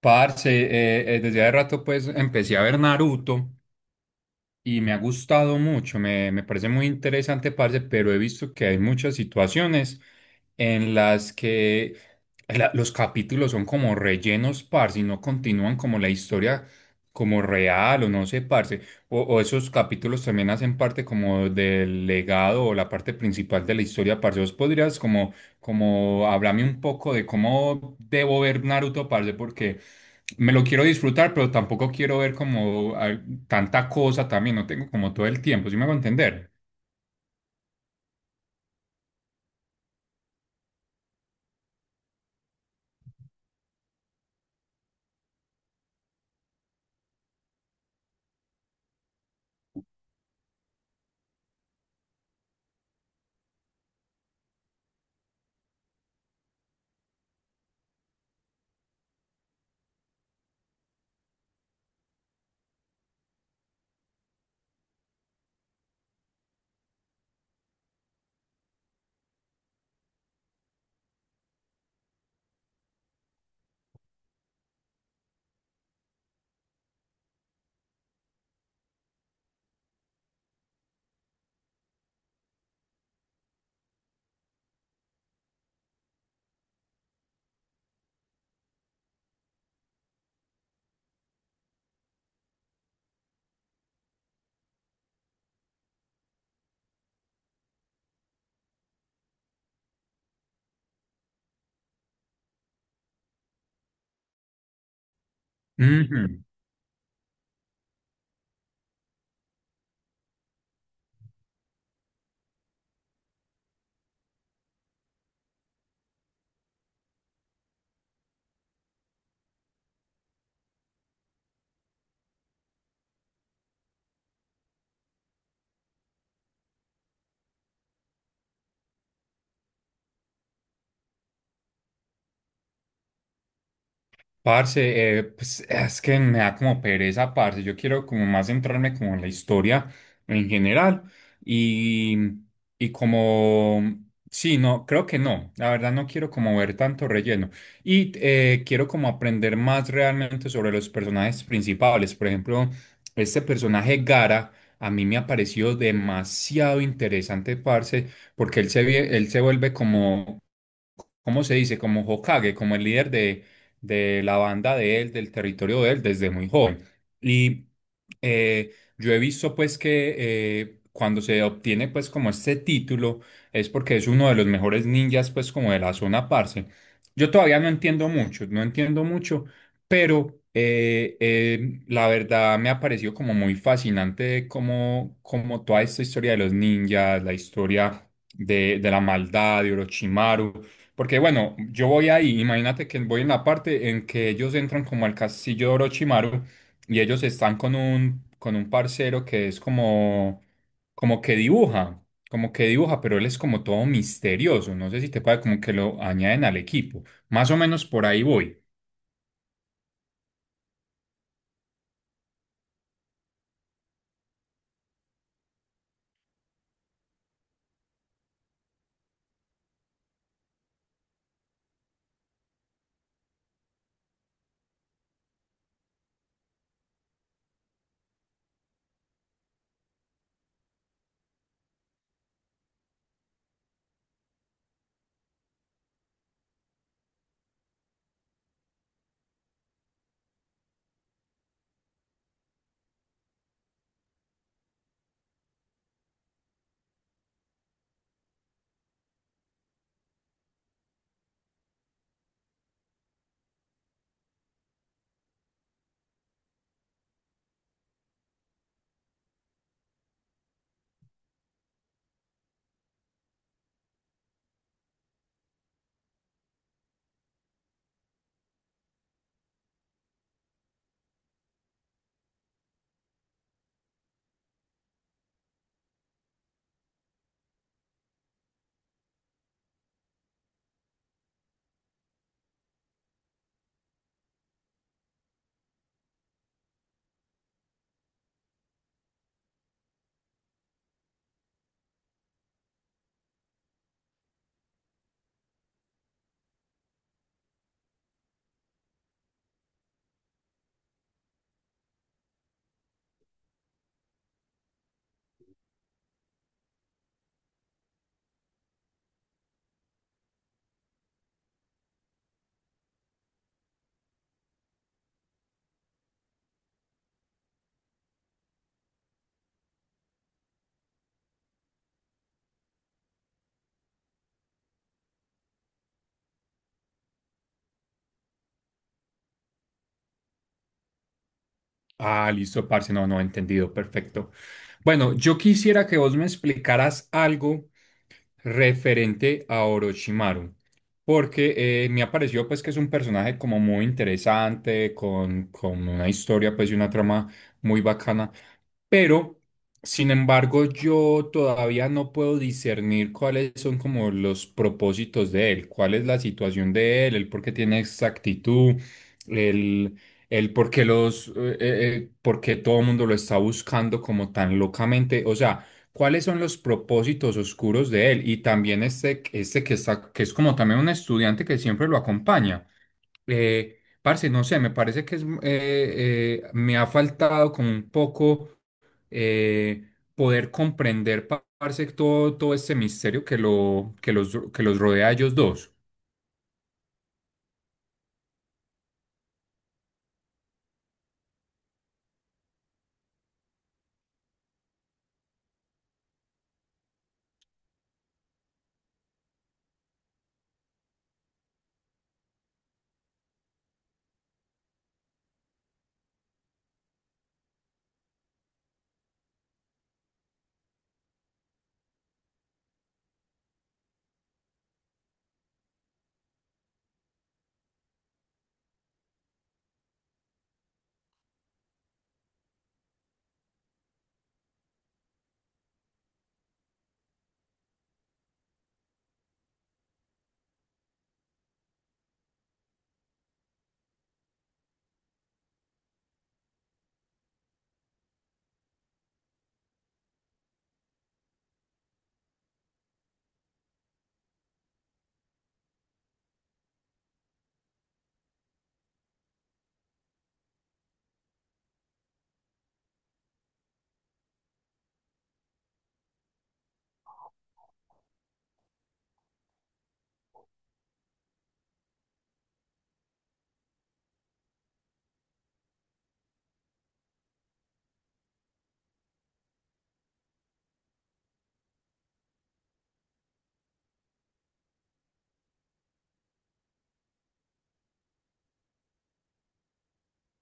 Parce, desde hace rato pues empecé a ver Naruto y me ha gustado mucho, me parece muy interesante, parce, pero he visto que hay muchas situaciones en las que los capítulos son como rellenos, parce, y no continúan como la historia como real o no sé, parce, o esos capítulos también hacen parte como del legado o la parte principal de la historia, parce, ¿vos podrías como, como hablarme un poco de cómo debo ver Naruto, parce, porque... Me lo quiero disfrutar, pero tampoco quiero ver como tanta cosa también. No tengo como todo el tiempo, ¿sí me hago entender? Ujú. Parce, pues es que me da como pereza, parce. Yo quiero como más centrarme como en la historia en general y, y como, sí, no, creo que no. La verdad no quiero como ver tanto relleno y quiero como aprender más realmente sobre los personajes principales. Por ejemplo, este personaje Gara a mí me ha parecido demasiado interesante, parce, porque él se vuelve como ¿cómo se dice? Como Hokage, como el líder de la banda de él, del territorio de él, desde muy joven. Y eh, yo he visto pues que cuando se obtiene pues como este título es porque es uno de los mejores ninjas pues como de la zona parce. Yo todavía no entiendo mucho, no entiendo mucho, pero la verdad me ha parecido como muy fascinante como, como toda esta historia de los ninjas, la historia de la maldad de Orochimaru. Porque bueno, yo voy ahí, imagínate que voy en la parte en que ellos entran como al castillo de Orochimaru y ellos están con un parcero que es como, como que dibuja, como que dibuja, pero él es como todo misterioso, no sé si te parece como que lo añaden al equipo, más o menos por ahí voy. Ah, listo, parce, no, no, entendido, perfecto. Bueno, yo quisiera que vos me explicaras algo referente a Orochimaru. Porque me ha parecido pues que es un personaje como muy interesante, con una historia pues y una trama muy bacana. Pero, sin embargo, yo todavía no puedo discernir cuáles son como los propósitos de él, cuál es la situación de él, el por qué tiene esa actitud, el, el por qué por qué todo el mundo lo está buscando como tan locamente. O sea, ¿cuáles son los propósitos oscuros de él? Y también este que está, que es como también un estudiante que siempre lo acompaña. Parce, no sé, me parece que es, me ha faltado como un poco eh, poder comprender, parce, todo, todo este misterio que los rodea a ellos dos.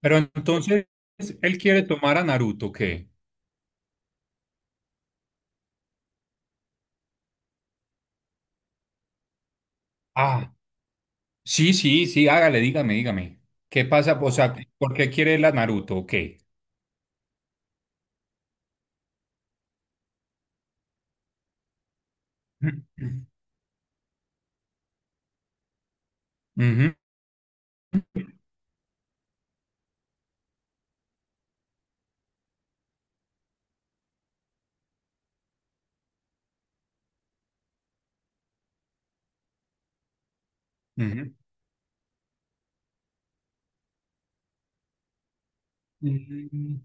Pero entonces, ¿él quiere tomar a Naruto, o qué? Ah, sí, sí, sí, hágale, dígame, dígame. ¿Qué pasa? O sea, ¿por qué quiere él a Naruto, o qué? Ujú, ujú. Mm.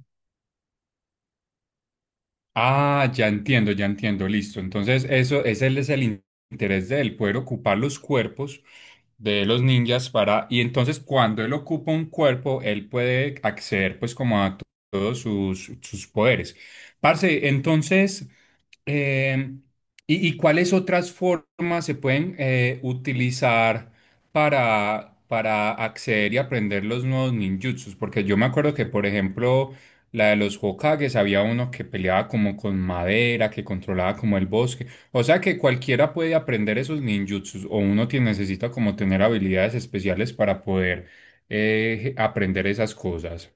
Ah, ya entiendo, listo. Entonces, eso, ese es interés de él, poder ocupar los cuerpos de los ninjas para, y entonces cuando él ocupa un cuerpo, él puede acceder pues como a todos sus, sus poderes. Parce, entonces... Eh, y cuáles otras formas se pueden utilizar para acceder y aprender los nuevos ninjutsus? Porque yo me acuerdo que, por ejemplo, la de los Hokages, había uno que peleaba como con madera, que controlaba como el bosque. O sea que cualquiera puede aprender esos ninjutsus o uno necesita como tener habilidades especiales para poder aprender esas cosas.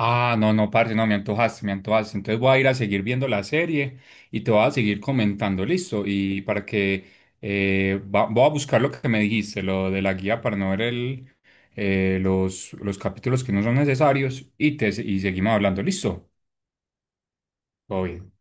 Ah, no, no, parce, no, me antojaste, me antojaste. Entonces voy a ir a seguir viendo la serie y te voy a seguir comentando, listo. Y para que voy a buscar lo que me dijiste, lo de la guía para no ver los capítulos que no son necesarios y seguimos hablando, listo. Todo bien.